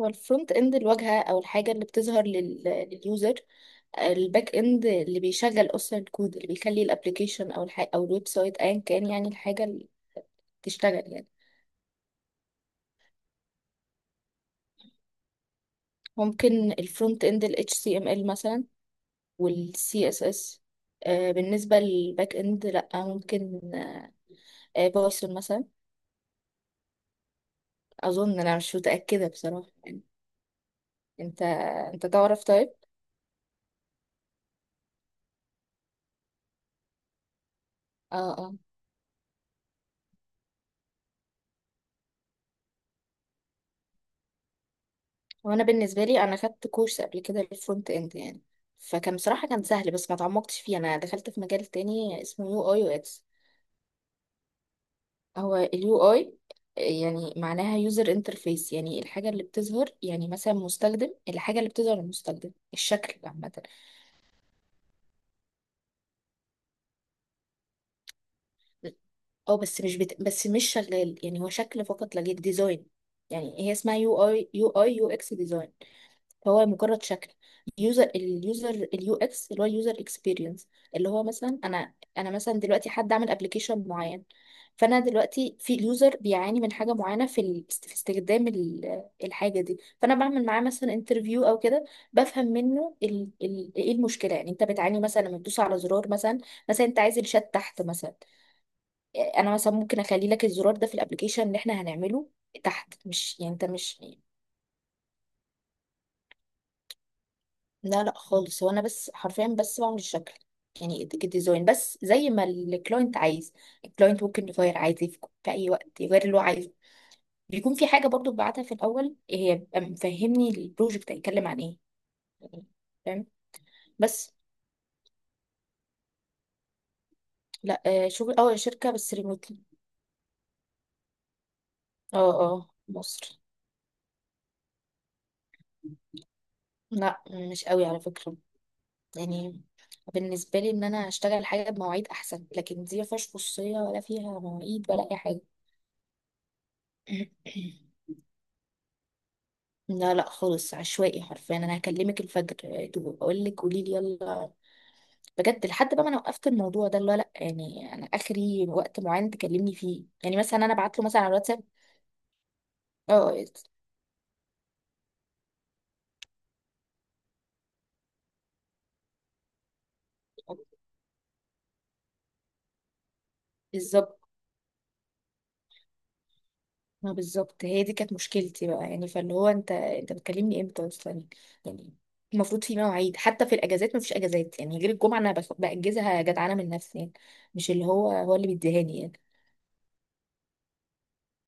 هو الفرونت اند الواجهه او الحاجه اللي بتظهر لليوزر. الباك اند اللي بيشغل اصلا الكود اللي بيخلي الابلكيشن او الحاجة او الويب سايت ايا كان، يعني الحاجه اللي تشتغل يعني. ممكن الفرونت اند ال HTML مثلا وال CSS، بالنسبه للباك اند لا ممكن بايثون مثلا. اظن، انا مش متاكده بصراحه يعني. انت انت تعرف طيب؟ اه آه. وانا بالنسبه لي، انا خدت كورس قبل كده للفرونت اند يعني، فكان بصراحه كان سهل بس ما تعمقتش فيه. انا دخلت في مجال تاني اسمه يو اي اكس. هو اليو اي يعني معناها يوزر انترفيس، يعني الحاجه اللي بتظهر يعني مثلا مستخدم، الحاجه اللي بتظهر للمستخدم، الشكل عامه. اه بس مش بت... بس مش شغال يعني، هو شكل فقط لا غير، ديزاين. يعني هي اسمها يو اي، يو اي يو اكس ديزاين. هو مجرد شكل. يوزر، اليوزر، اليو اكس اللي هو اليوزر اكسبيرينس. اللي هو مثلا انا مثلا دلوقتي حد عامل ابلكيشن معين، فانا دلوقتي في اليوزر بيعاني من حاجه معينه في استخدام الحاجه دي، فانا بعمل معاه مثلا انترفيو او كده. بفهم منه ال ايه المشكله، يعني انت بتعاني مثلا لما تدوس على زرار مثلا. مثلا انت عايز الشات تحت مثلا، انا مثلا ممكن اخلي لك الزرار ده في الابلكيشن اللي احنا هنعمله تحت. مش يعني انت مش، لا لا خالص، هو انا بس حرفيا بس بعمل الشكل يعني، الديزاين بس زي ما الكلاينت عايز. الكلاينت ممكن يغير عادي في اي وقت يغير اللي هو عايزه. بيكون في حاجه برضو ببعتها في الاول، هي بيبقى مفهمني البروجكت هيتكلم عن ايه يعني. فاهم؟ بس. لا شغل، اه شركه بس ريموتلي. اه اه مصر. لا مش قوي على فكره يعني. بالنسبه لي ان انا اشتغل حاجه بمواعيد احسن، لكن دي ما فيهاش خصوصيه ولا فيها مواعيد ولا اي حاجه. لا لا خالص، عشوائي حرفيا، انا هكلمك الفجر اقول لك قولي لي يلا. بجد، لحد بقى ما انا وقفت الموضوع ده، اللي هو لا يعني انا اخري وقت معين تكلمني فيه، يعني مثلا انا ابعت له مثلا على الواتساب. اه بالظبط. ما بالظبط، هي دي كانت مشكلتي بقى، يعني فاللي هو انت بتكلمني امتى اصلا يعني؟ المفروض في مواعيد، حتى في الاجازات ما فيش اجازات، يعني غير الجمعه انا باجزها جدعانه من نفسي يعني، مش اللي هو هو اللي بيديهاني يعني.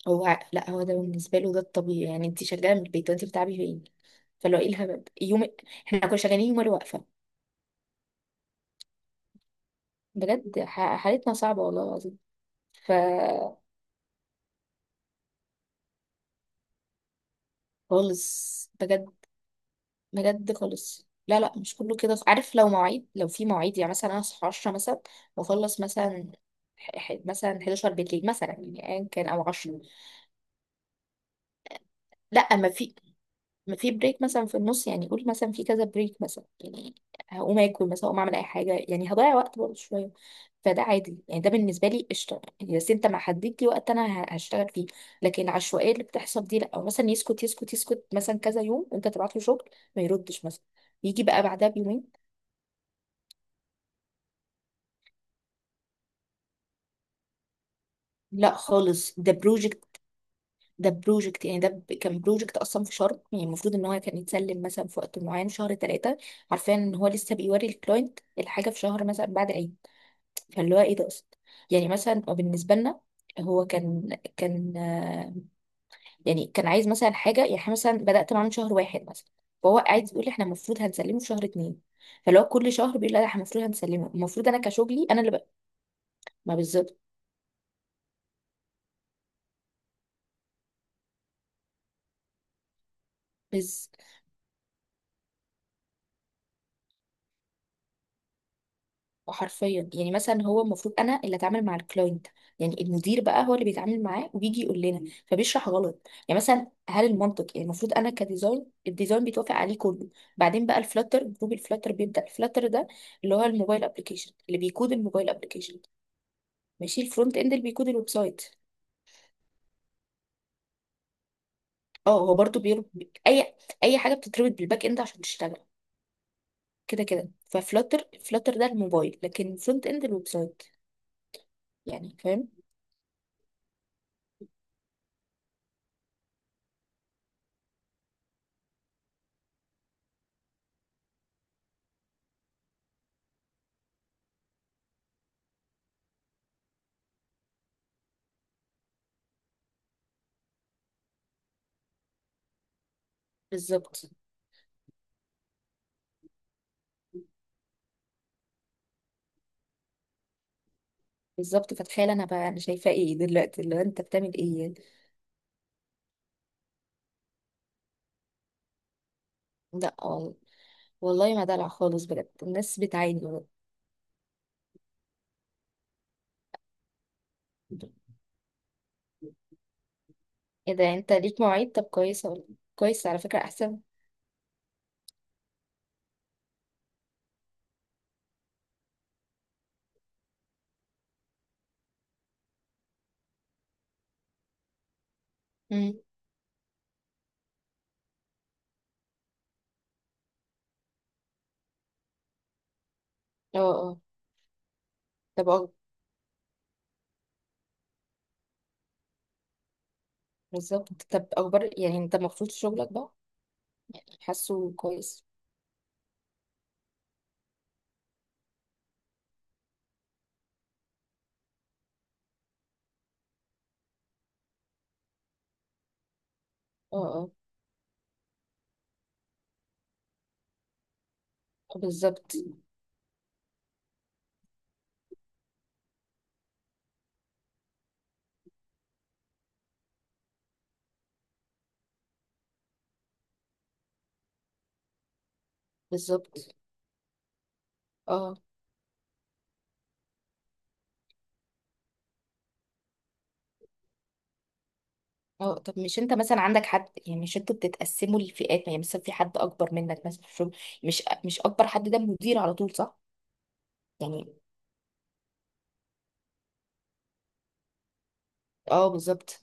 هو لا، هو ده بالنسبه له ده الطبيعي، يعني انت شغاله من البيت، وانت بتعبي فين؟ فاللي هو ايه الهبل يوم؟ احنا كنا شغالين يوم الوقفه. بجد حالتنا صعبه والله العظيم. ف خالص بجد. بجد خالص، لا لا مش كله كده، عارف لو مواعيد، لو في مواعيد يعني مثلا انا اصحى 10 مثلا واخلص مثلا مثلا 11 بالليل مثلا يعني ايا كان، او 10. لا ما في، ما في بريك مثلا في النص يعني، قول مثلا في كذا بريك مثلا يعني هقوم اكل مثلا، هقوم اعمل اي حاجه يعني، هضيع وقت برضه شويه. فده عادي يعني، ده بالنسبه لي قشطه يعني، بس انت ما حددت لي وقت انا هشتغل فيه. لكن العشوائيه اللي بتحصل دي لا، او مثلا يسكت يسكت مثلا كذا يوم انت تبعت له شغل ما يردش مثلا، يجي بقى بعدها بيومين. لا خالص، ده بروجكت. ده بروجكت يعني، كان بروجكت اصلا في شهر يعني، المفروض ان هو كان يتسلم مثلا في وقت معين شهر ثلاثه. عارفين ان هو لسه بيوري الكلاينت الحاجه في شهر مثلا بعد العيد، فاللي هو ايه ده اصلا يعني؟ مثلا هو بالنسبه لنا هو كان يعني كان عايز مثلا حاجه يعني، احنا مثلا بدات معاه من شهر واحد مثلا، فهو عايز يقول لي احنا المفروض هنسلمه في شهر اتنين. فاللي هو كل شهر بيقول لا ده احنا المفروض هنسلمه، المفروض انا كشغلي انا اللي بقى. ما بالظبط. بز حرفيا يعني، مثلا هو المفروض انا اللي اتعامل مع الكلاينت يعني، المدير بقى هو اللي بيتعامل معاه وبيجي يقول لنا، فبيشرح غلط يعني. مثلا هل المنطق يعني، المفروض انا كديزاين الديزاين بيتوافق عليه كله، بعدين بقى الفلاتر جروب، الفلاتر بيبدا الفلاتر ده اللي هو الموبايل ابلكيشن، اللي بيكود الموبايل ابلكيشن. ماشي، الفرونت اند اللي بيكود الويب سايت. اه هو برضو اي، اي حاجه بتتربط بالباك اند عشان تشتغل كده كده. ففلاتر، فلاتر ده الموبايل، لكن الفرونت اند الويب سايت. يعني فاهم. بالظبط، بالظبط. فتخيل انا بقى انا شايفاه ايه دلوقتي، اللي هو انت بتعمل ايه يعني؟ لا وال- والله ما دلع خالص بجد، الناس بتعاني. بجد. ايه ده انت ليك مواعيد؟ طب كويسه والله. كويس على فكره احسن. امم. اه اه. طب اه. بالظبط. طب اخبار يعني انت المفروض شغلك بقى؟ حاسه كويس؟ اه اه. بالظبط. بالظبط. اه اه. طب مش انت مثلا عندك حد يعني، مش انتوا بتتقسموا لفئات، يعني مثلا في حد اكبر منك مثلا في الشغل؟ مش اكبر، حد ده مدير على طول صح؟ يعني اه بالظبط.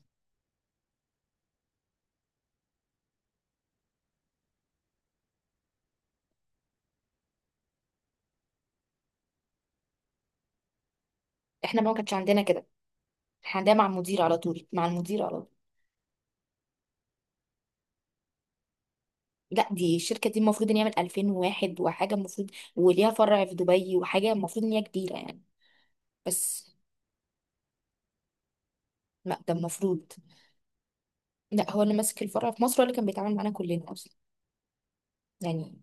احنا بقى ما كانش عندنا كده، احنا عندنا مع المدير على طول، مع المدير على طول. لا دي الشركه دي المفروض ان يعمل 2001 وحاجه، المفروض وليها فرع في دبي وحاجه، المفروض ان هي كبيره يعني. بس لا ده المفروض، لا هو اللي ماسك الفرع في مصر هو اللي كان بيتعامل معانا كلنا اصلا يعني.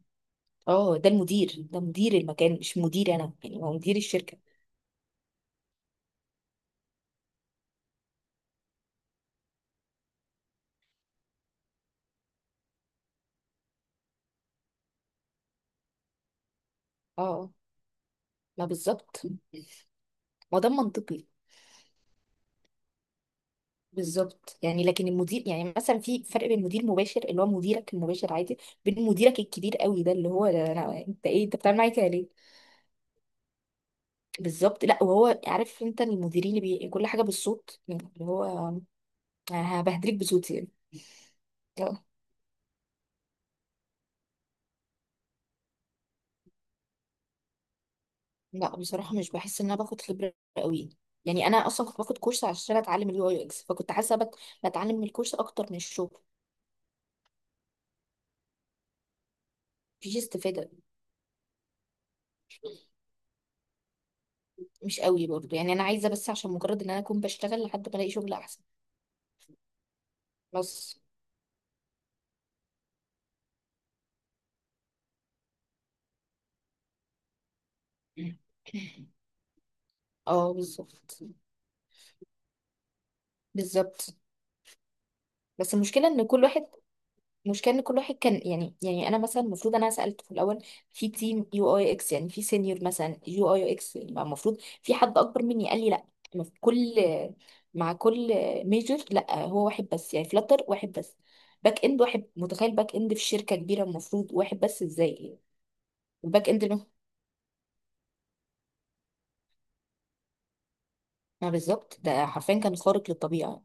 اه ده المدير، ده مدير المكان مش مدير انا يعني، هو مدير الشركه. اه ما بالظبط. ما ده منطقي. بالظبط يعني، لكن المدير يعني مثلا في فرق بين مدير مباشر اللي هو مديرك المباشر عادي، بين مديرك الكبير قوي، ده اللي هو ده أنا انت ايه، انت بتعمل معايا كده ليه؟ بالظبط. لا، وهو عارف انت المديرين كل حاجه بالصوت يعني اللي هو، أنا هبهدلك بصوتي يعني. لا، لا، بصراحه مش بحس ان انا باخد خبره قوي يعني. انا اصلا كنت باخد كورس عشان اتعلم اليو اي اكس، فكنت حاسه بتعلم من الكورس اكتر من الشغل. مفيش استفاده. مش قوي برضه يعني، انا عايزه بس عشان مجرد ان انا اكون بشتغل لحد ما الاقي شغل احسن. بس. اه بالظبط. بالظبط. بس المشكله ان كل واحد، المشكله ان كل واحد كان يعني، انا مثلا المفروض انا سالت في الاول في تيم يو اي اكس يعني في سينيور مثلا يو اي اكس يبقى المفروض في حد اكبر مني، قال لي لا. ما في كل مع كل ميجر لا، هو واحد بس يعني، فلتر واحد بس، باك اند واحد. متخيل باك اند في شركه كبيره المفروض واحد بس؟ ازاي؟ الباك اند اللي- ما بالظبط، ده حرفيا كان خارق للطبيعه.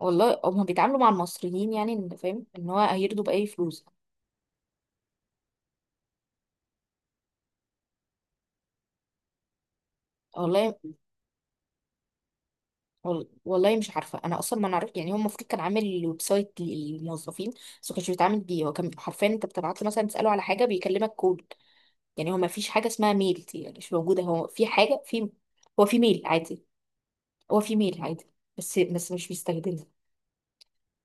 والله هما بيتعاملوا مع المصريين يعني، ان فاهم ان هو هيرضوا باي فلوس. والله والله مش عارفه، انا اصلا ما نعرف يعني. هو المفروض كان عامل ويب سايت للموظفين بس ما كانش بيتعامل بيه، هو كان حرفيا انت بتبعت له مثلا تساله على حاجه بيكلمك كود يعني. هو ما فيش حاجه اسمها ميل دي يعني، مش موجوده. هو في حاجه، في، هو في ميل عادي، هو في ميل عادي بس، مش بيستخدمها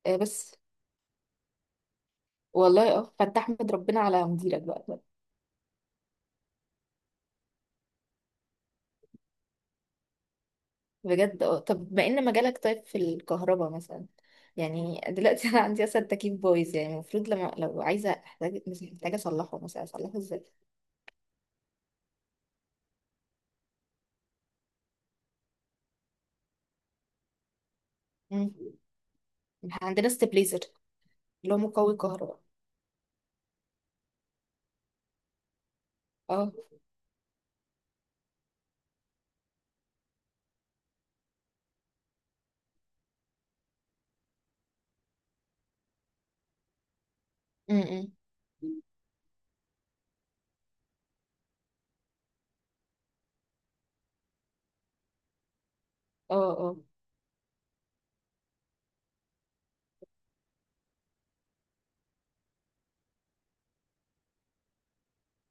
آه بس. والله اه، فانت احمد ربنا على مديرك بقى. بجد. اه طب، بما ان مجالك طيب في الكهرباء مثلا، يعني دلوقتي انا عندي اصلا تكييف بايظ يعني، المفروض لما لو عايزه احتاج، محتاجه اصلحه مثلا، اصلحه ازاي؟ مم. عندنا ستابليزر اللي هو مقوي كهرباء. اه امم. اه اه.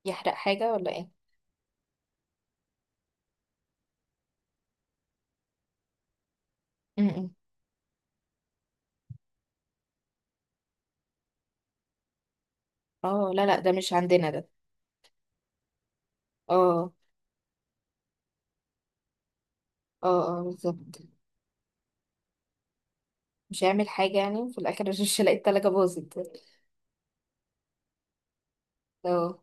يحرق حاجة ولا ايه؟ امم. اه لا لا ده مش عندنا ده. اه اه اه بالظبط. مش هيعمل حاجة يعني في الآخر؟ مش هلاقي التلاجة باظت. اه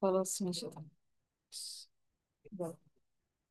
خلاص ماشي.